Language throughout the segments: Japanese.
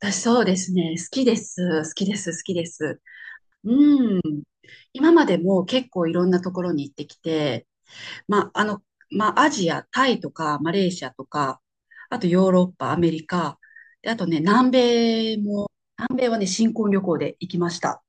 私そうですね。好きです。好きです。好きです。うん。今までも結構いろんなところに行ってきて、まあ、あの、まあ、アジア、タイとか、マレーシアとか、あとヨーロッパ、アメリカ、であとね、米も、南米はね、新婚旅行で行きました。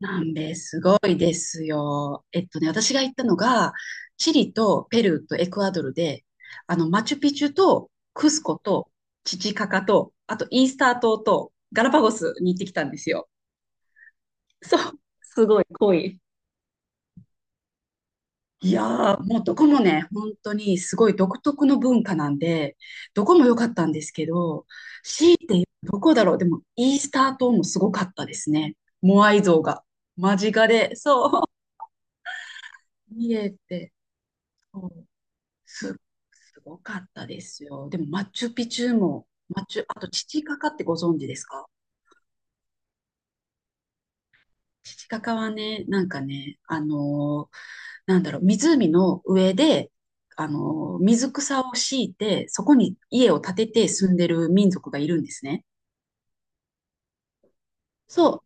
南米すごいですよ。私が行ったのが、チリとペルーとエクアドルで、マチュピチュとクスコとチチカカと、あとイースター島とガラパゴスに行ってきたんですよ。そう。すごい濃い。いやー、もうどこもね、本当にすごい独特の文化なんで、どこも良かったんですけど、し、どこだろう、でもイースター島もすごかったですね。モアイ像が間近で、そう、見れて。そうす、すごかったですよ。でも、マチュピチュも、マチュ、あと、チチカカってご存知ですか？チチカカはね、なんかね、なんだろう、湖の上で、水草を敷いて、そこに家を建てて住んでる民族がいるんですね。そう、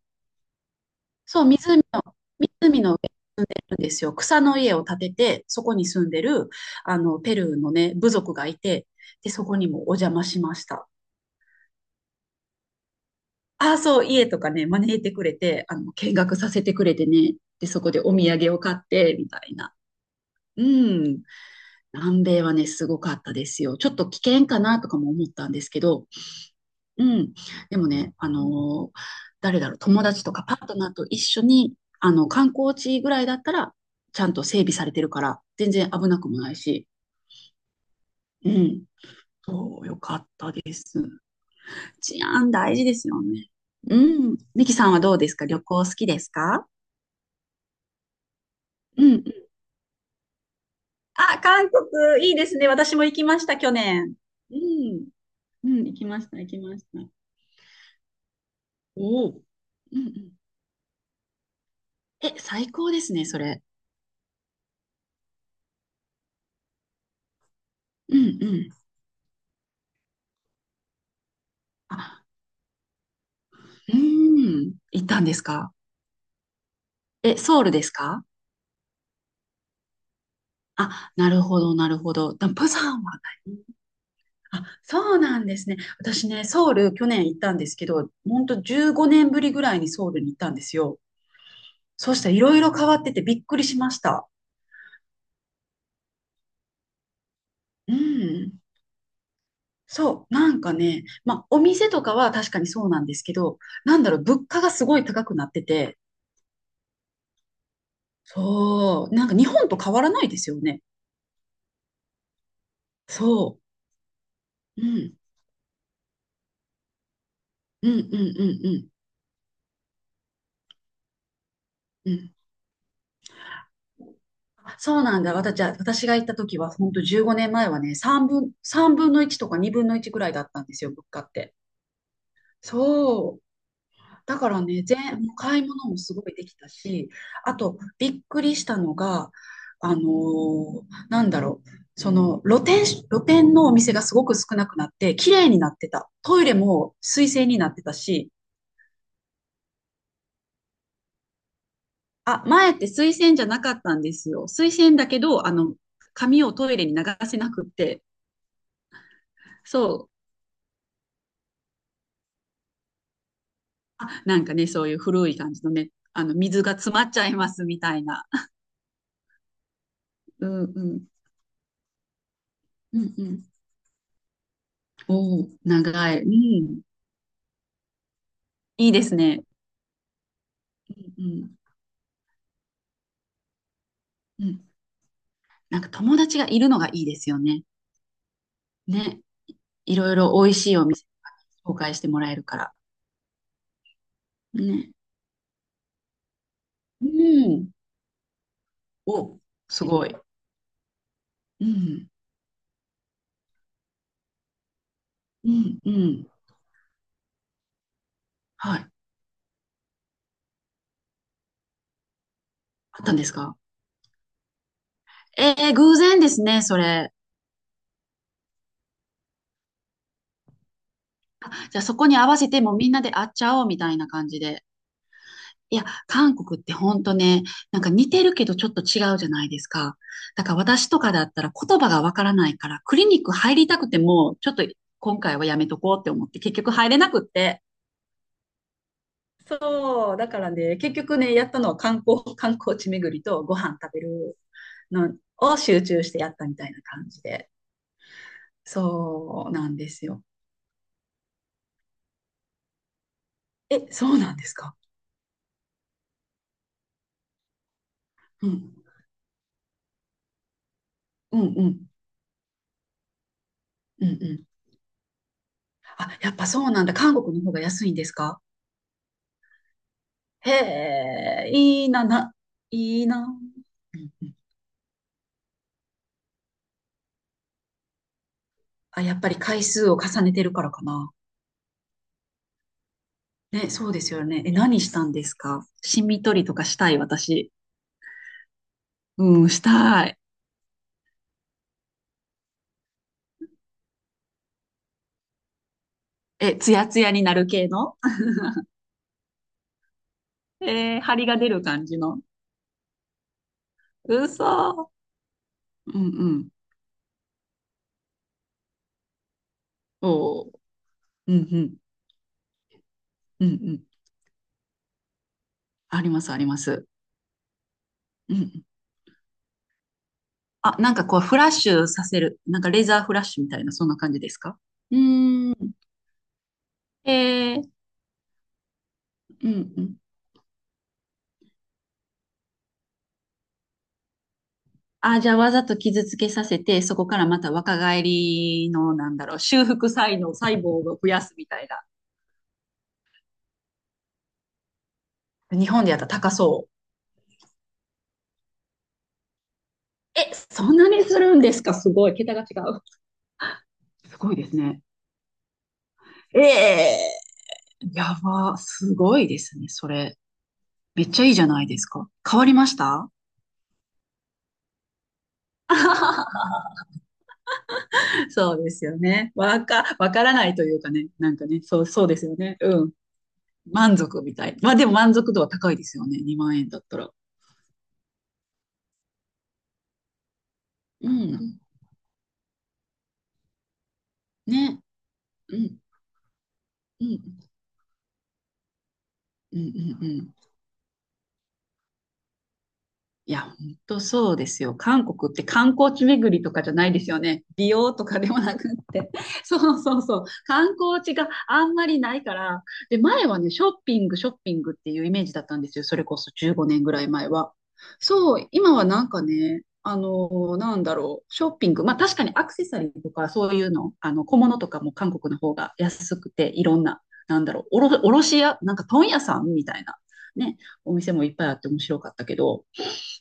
そう、湖の上に住んでるんですよ。草の家を建てて、そこに住んでる、ペルーのね、部族がいて、で、そこにもお邪魔しました。ああ、そう、家とかね、招いてくれて、見学させてくれてね、で、そこでお土産を買って、みたいな。うん。南米はね、すごかったですよ。ちょっと危険かなとかも思ったんですけど、うん。でもね、誰だろう、友達とかパートナーと一緒に、観光地ぐらいだったら、ちゃんと整備されてるから、全然危なくもないし、うん。そう、よかったです。治安大事ですよね。うん。ミキさんはどうですか？旅行好きですか？うん。あ、韓国、いいですね。私も行きました、去年。うん。うん、行きました、行きました。おお。うんうん。え、最高ですね、それ。うんうん。あ、うん。行ったんですか？え、ソウルですか？あ、なるほど、なるほど。ダプサンはない。あ、そうなんですね。私ね、ソウル去年行ったんですけど、ほんと15年ぶりぐらいにソウルに行ったんですよ。そうしたらいろいろ変わっててびっくりしました。うん。そう、なんかね、まあ、お店とかは確かにそうなんですけど、なんだろう、物価がすごい高くなってて、そう、なんか日本と変わらないですよね。そう、うん、うん、うん、うん、うん。うん。あ、そうなんだ。私が行った時は、本当15年前はね、3分の1とか2分の1ぐらいだったんですよ、物価って。そう。だからね、もう買い物もすごいできたし、あと、びっくりしたのが、あのーなんだろう、その露店のお店がすごく少なくなって、綺麗になってた。トイレも水洗になってたし、あ、前って水洗じゃなかったんですよ。水洗だけど、紙をトイレに流せなくって、そう、あ、なんかね、そういう古い感じのね、水が詰まっちゃいますみたいな。うんうん。うんうん。おお、長い。うん。いいですね。うん。うん。なんか友達がいるのがいいですよね。ね。いろいろ美味しいお店紹介してもらえるから。ね。うん。お、すごい。うん。うん。うん。はい。あったんですか？えー、偶然ですね、それ。あ、じゃあそこに合わせてもうみんなで会っちゃおうみたいな感じで。いや、韓国ってほんとね、なんか似てるけどちょっと違うじゃないですか。だから私とかだったら言葉がわからないから、クリニック入りたくても、ちょっと今回はやめとこうって思って、結局入れなくって。そう、だからね、結局ね、やったのは観光、観光地巡りとご飯食べるのを集中してやったみたいな感じで。そうなんですよ。え、そうなんですか。うん、うん、うん、うん、うん。あ、やっぱそうなんだ。韓国の方が安いんですか？へえ、いいな、いいな。うんうん。あ、やっぱり回数を重ねてるからかな。ね、そうですよね。え、何したんですか？シミ取りとかしたい、私。うん、したい。え、ツヤツヤになる系の？えー、張りが出る感じの。嘘。うんうん。おー。うんうん。うんうん。あります、あります。うんうん。あ、なんかこう、フラッシュさせる。なんかレーザーフラッシュみたいな、そんな感じですか？うーん。えー、うんうん。あ、じゃあわざと傷つけさせて、そこからまた若返りの、なんだろう、修復才能、細胞を増やすみたいな。日本でやったら高そう。え、そんなにするんですか？すごい。桁が違う。すごいですね。ええ。やば。すごいですね。それ。めっちゃいいじゃないですか。変わりました？ そうですよね。わからないというかね。なんかね、そう、そうですよね。うん。満足みたい。まあでも満足度は高いですよね。2万円だったら。うん。ね。うん。うんうんうんうん。いや、本当そうですよ。韓国って観光地巡りとかじゃないですよね。美容とかでもなくって。そうそうそう。観光地があんまりないから。で、前はね、ショッピングっていうイメージだったんですよ。それこそ15年ぐらい前は。そう、今はなんかね、なんだろう、ショッピング。まあ確かにアクセサリーとかそういうの、小物とかも韓国の方が安くて、いろんな、なんだろう、卸屋、なんか問屋さんみたいな、ね、お店もいっぱいあって面白かったけど、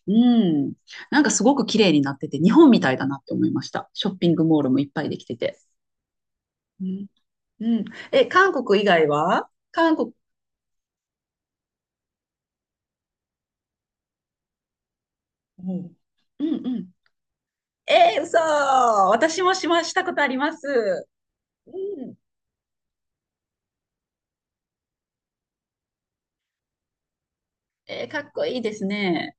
うん。なんかすごく綺麗になってて、日本みたいだなって思いました。ショッピングモールもいっぱいできてて。うん、うん。え、韓国以外は韓国、うん、うんうん。えー、嘘。私もしましたことあります。うん。えー、かっこいいですね。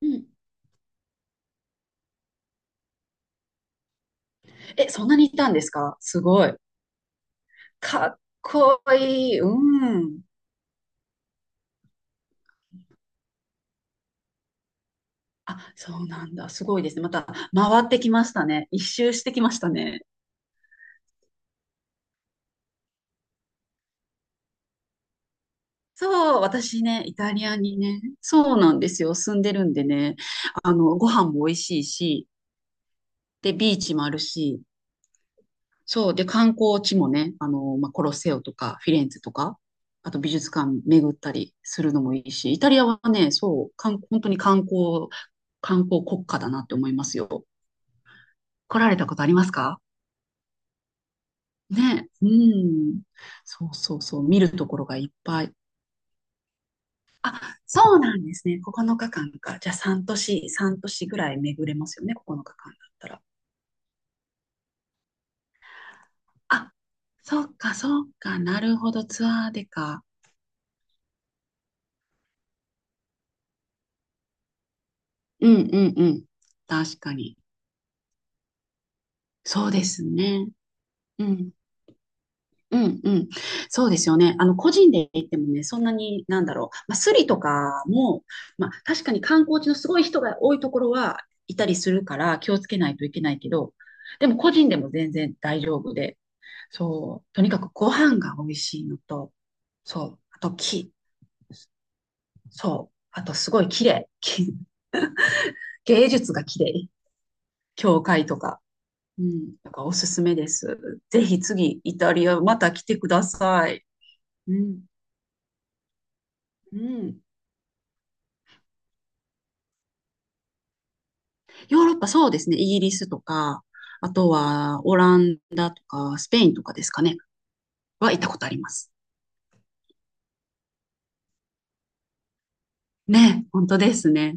うん。え、そんなにいたんですか？すごい。かっこいい。うん。あ、そうなんだ。すごいですね。また回ってきましたね。一周してきましたね。そう、私ね、イタリアにね、そうなんですよ、住んでるんでね、ご飯も美味しいし、で、ビーチもあるし、そう、で、観光地もね、まあ、コロッセオとか、フィレンツェとか、あと美術館巡ったりするのもいいし、イタリアはね、そう、本当に観光国家だなって思いますよ。来られたことありますか？ね、うん。そうそうそう、見るところがいっぱい。そうなんですね。9日間かかんか。じゃあ3年ぐらい巡れますよね。9日間だったら。あ、そっか、そっか。なるほど。ツアーでか。うんうんうん。確かに。そうですね。うん。うんうん。そうですよね。個人で行ってもね、そんなに、なんだろう。まあ、スリとかも、まあ、確かに観光地のすごい人が多いところはいたりするから気をつけないといけないけど、でも個人でも全然大丈夫で、そう。とにかくご飯が美味しいのと、そう。あと木、そう。あとすごい綺麗。芸術が綺麗。教会とか。うん。だからおすすめです。ぜひ次、イタリアまた来てください。うん。うん。ヨーロッパそうですね。イギリスとか、あとはオランダとか、スペインとかですかね。は行ったことあります。ね、本当ですね。